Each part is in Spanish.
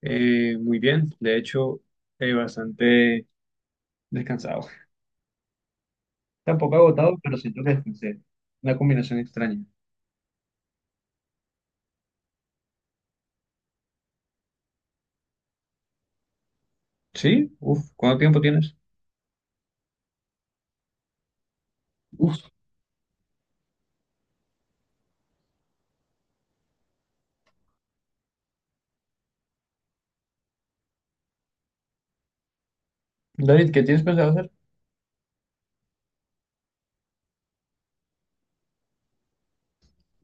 Muy bien, de hecho, bastante descansado. Tampoco agotado, pero siento que descansé. Una combinación extraña. ¿Sí? Uf, ¿cuánto tiempo tienes? Uf, David, ¿qué tienes pensado hacer?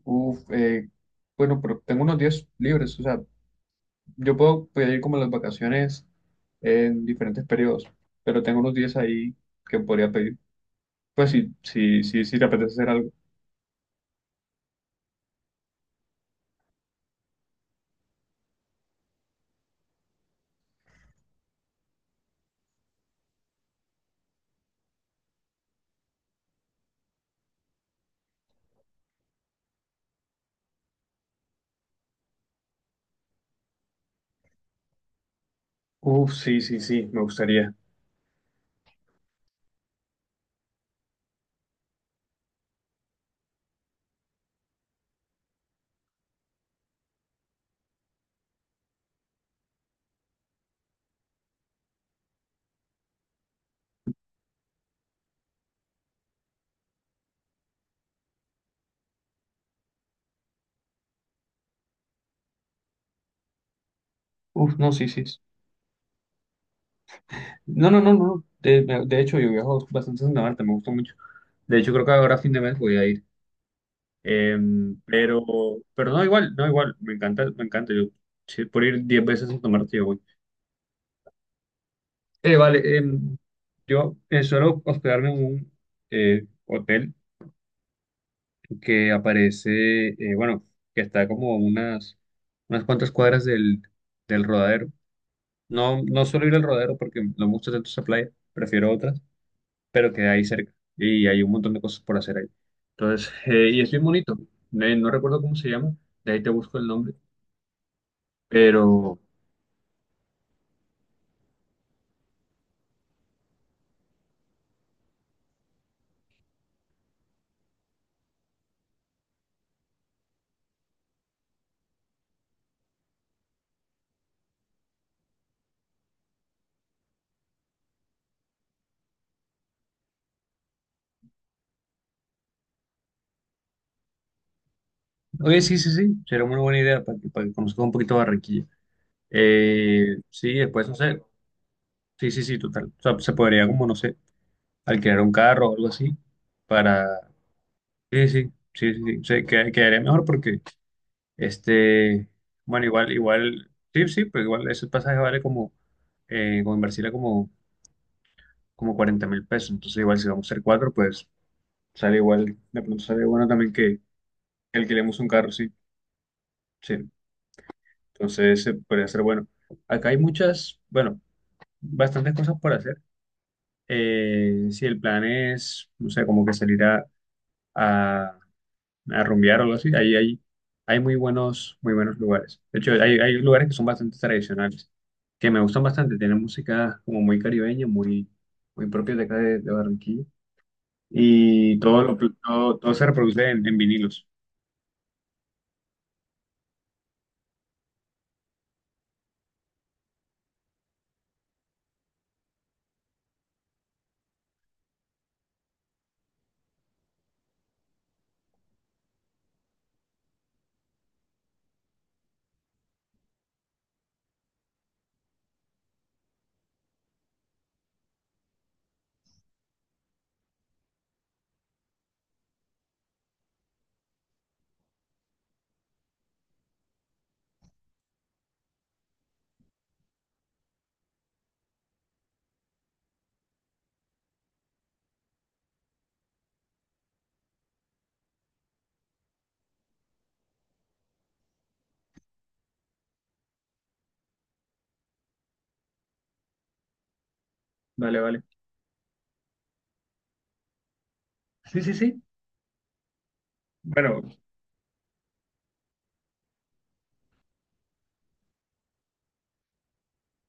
Uf, bueno, pero tengo unos días libres, o sea, yo puedo pedir como las vacaciones en diferentes periodos, pero tengo unos días ahí que podría pedir. Pues sí, sí, sí, sí te apetece hacer algo. Uf, sí, sí, sí, me gustaría. Uf, no, sí, sí. No, no, no, no, no. De hecho, yo viajo bastante a Santa Marta, me gusta mucho. De hecho, creo que ahora a fin de mes voy a ir. Em, pero, pero no, igual, no, igual. Me encanta, me encanta. Yo, sí, por ir 10 veces a Santa Marta, yo voy. Vale, yo suelo hospedarme en un hotel que aparece, bueno, que está como a unas cuantas cuadras del Rodadero. No, no suelo ir al Rodadero porque no me gusta tanto esa playa, prefiero otras, pero queda ahí cerca y hay un montón de cosas por hacer ahí. Entonces, y es bien bonito. No recuerdo cómo se llama, de ahí te busco el nombre, pero... Oye, sí, sí, sí, será una buena idea para que conozcas un poquito Barranquilla. Sí, después, no sé, sí, sí, sí, total. O sea, se podría como, no sé, alquilar un carro o algo así para... Sí, sí, sí, sí, sí, quedaría mejor porque, este, bueno, igual, igual, sí, sí, pero igual ese pasaje vale como, como en Barcelona como... como 40.000 pesos. Entonces, igual si vamos a ser cuatro, pues sale igual, de pronto sale bueno también que alquilemos un carro, sí, sí. Entonces, podría ser bueno. Acá hay muchas, bueno, bastantes cosas por hacer. Si el plan es, no sé, como que salir a, a rumbear o algo así, ahí hay, hay muy buenos lugares. De hecho, hay lugares que son bastante tradicionales, que me gustan bastante. Tienen música como muy caribeña, muy, muy propia de acá de Barranquilla. y todo, lo, Todo, todo se reproduce en vinilos. Vale, vale. Sí, sí, sí. Bueno,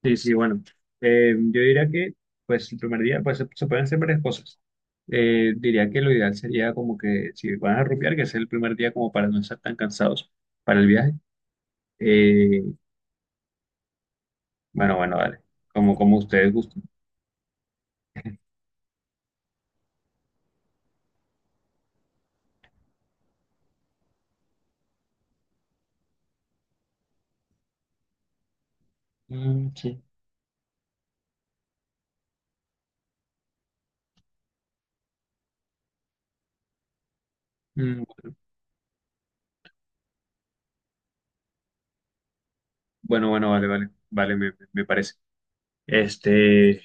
sí, sí, bueno. Yo diría que, pues, el primer día, pues, se pueden hacer varias cosas. Diría que lo ideal sería como que, si van a rupiar, que sea el primer día como para no estar tan cansados para el viaje. Eh, bueno, bueno, vale. Como, como ustedes gusten. Mm, sí. Mm, bueno, bueno, vale, vale, vale, me, me parece. Este,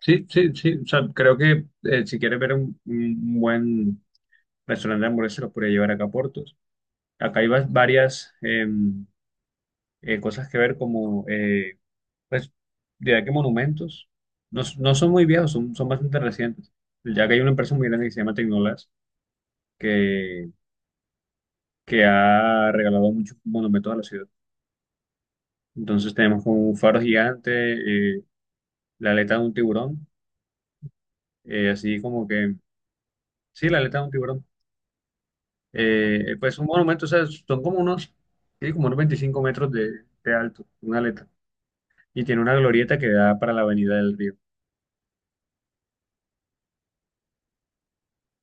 sí, sí, sí, o sea, creo que si quieres ver un buen restaurante de hamburguesas lo podría llevar acá a Portos. Acá hay varias cosas que ver, como, pues, diría que monumentos. No, no son muy viejos, son, son bastante recientes. Ya que hay una empresa muy grande que se llama Tecnolás, que, que ha regalado muchos monumentos a la ciudad. Entonces tenemos como un faro gigante, eh, la aleta de un tiburón, así como que, sí, la aleta de un tiburón. Pues un monumento, o sea, son como unos, sí, como unos 25 metros de alto, una aleta. Y tiene una glorieta que da para la avenida del río.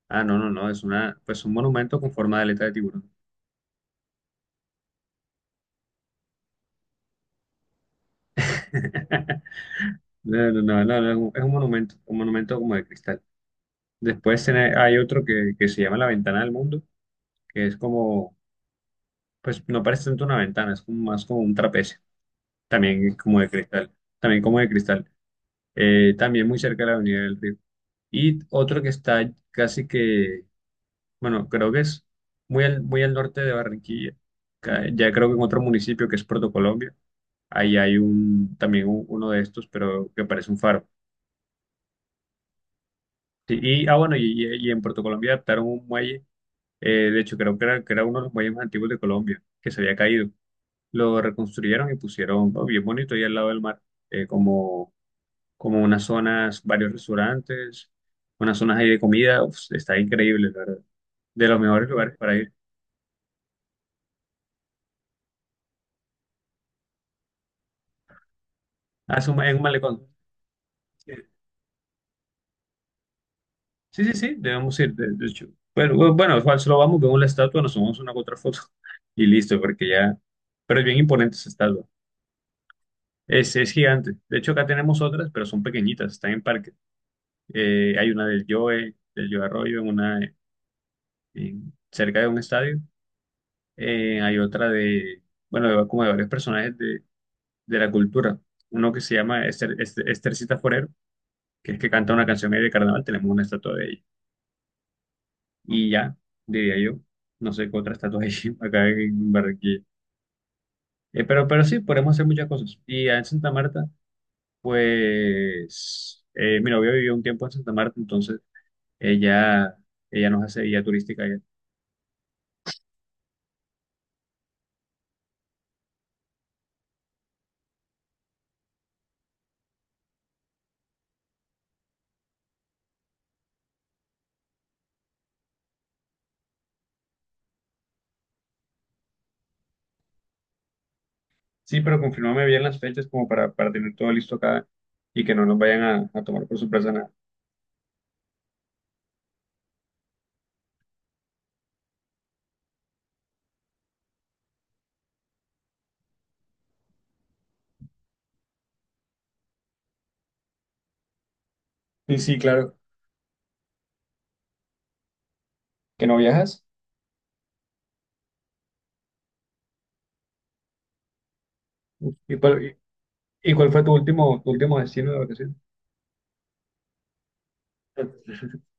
Ah, no, no, no, es una, pues un monumento con forma de aleta de tiburón. No, no, no, no, no, es un, es un monumento como de cristal. Después hay otro que se llama la ventana del mundo, que es como, pues no parece tanto una ventana, es como, más como un trapecio, también como de cristal, también como de cristal. También muy cerca de la avenida del río. Y otro que está casi que, bueno, creo que es muy al norte de Barranquilla. Ya creo que en otro municipio que es Puerto Colombia, ahí hay un, también uno de estos, pero que parece un faro. Sí, y, ah, bueno, y, y en Puerto Colombia adaptaron un muelle, de hecho creo que era uno de los muelles más antiguos de Colombia, que se había caído. Lo reconstruyeron y pusieron, oh, bien bonito, ahí al lado del mar, como, como unas zonas, varios restaurantes, unas zonas ahí de comida. Uf, está increíble, la verdad. De los mejores lugares para ir. Ah, es en un malecón. Sí, sí, sí, debemos ir, de hecho. Bueno, bueno, igual solo vamos, vemos la estatua, nos tomamos una u otra foto y listo, porque ya... Pero es bien imponente esa estatua. Es gigante. De hecho, acá tenemos otras, pero son pequeñitas, están en parque. Hay una del Joe Arroyo, en una, en- cerca de un estadio. Hay otra de, bueno, como de varios personajes de la cultura. Uno que se llama Esther, Estercita Forero, que es que canta una canción ahí de carnaval, tenemos una estatua de ella. Y ya, diría yo. No sé qué otra estatua hay acá en Barranquilla. Pero sí, podemos hacer muchas cosas. Y en Santa Marta, pues, mi novia vivió un tiempo en Santa Marta, entonces ella, ella nos hace guía turística allá. Sí, pero confírmame bien las fechas como para tener todo listo acá y que no nos vayan a tomar por sorpresa nada. Sí, sí, claro. ¿Que no viajas? ¿Y cuál, y, y cuál fue tu último destino de vacaciones?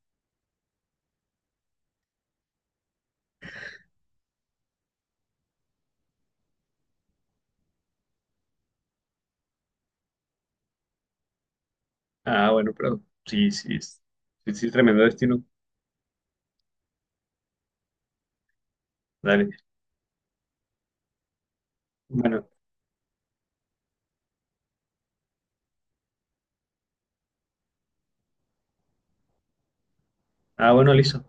Ah, bueno, pero sí, sí, sí, sí, tremendo destino. Dale. Bueno, ah, bueno, listo.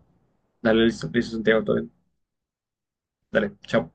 Dale, listo, listo, Santiago, todo bien. Dale, chao.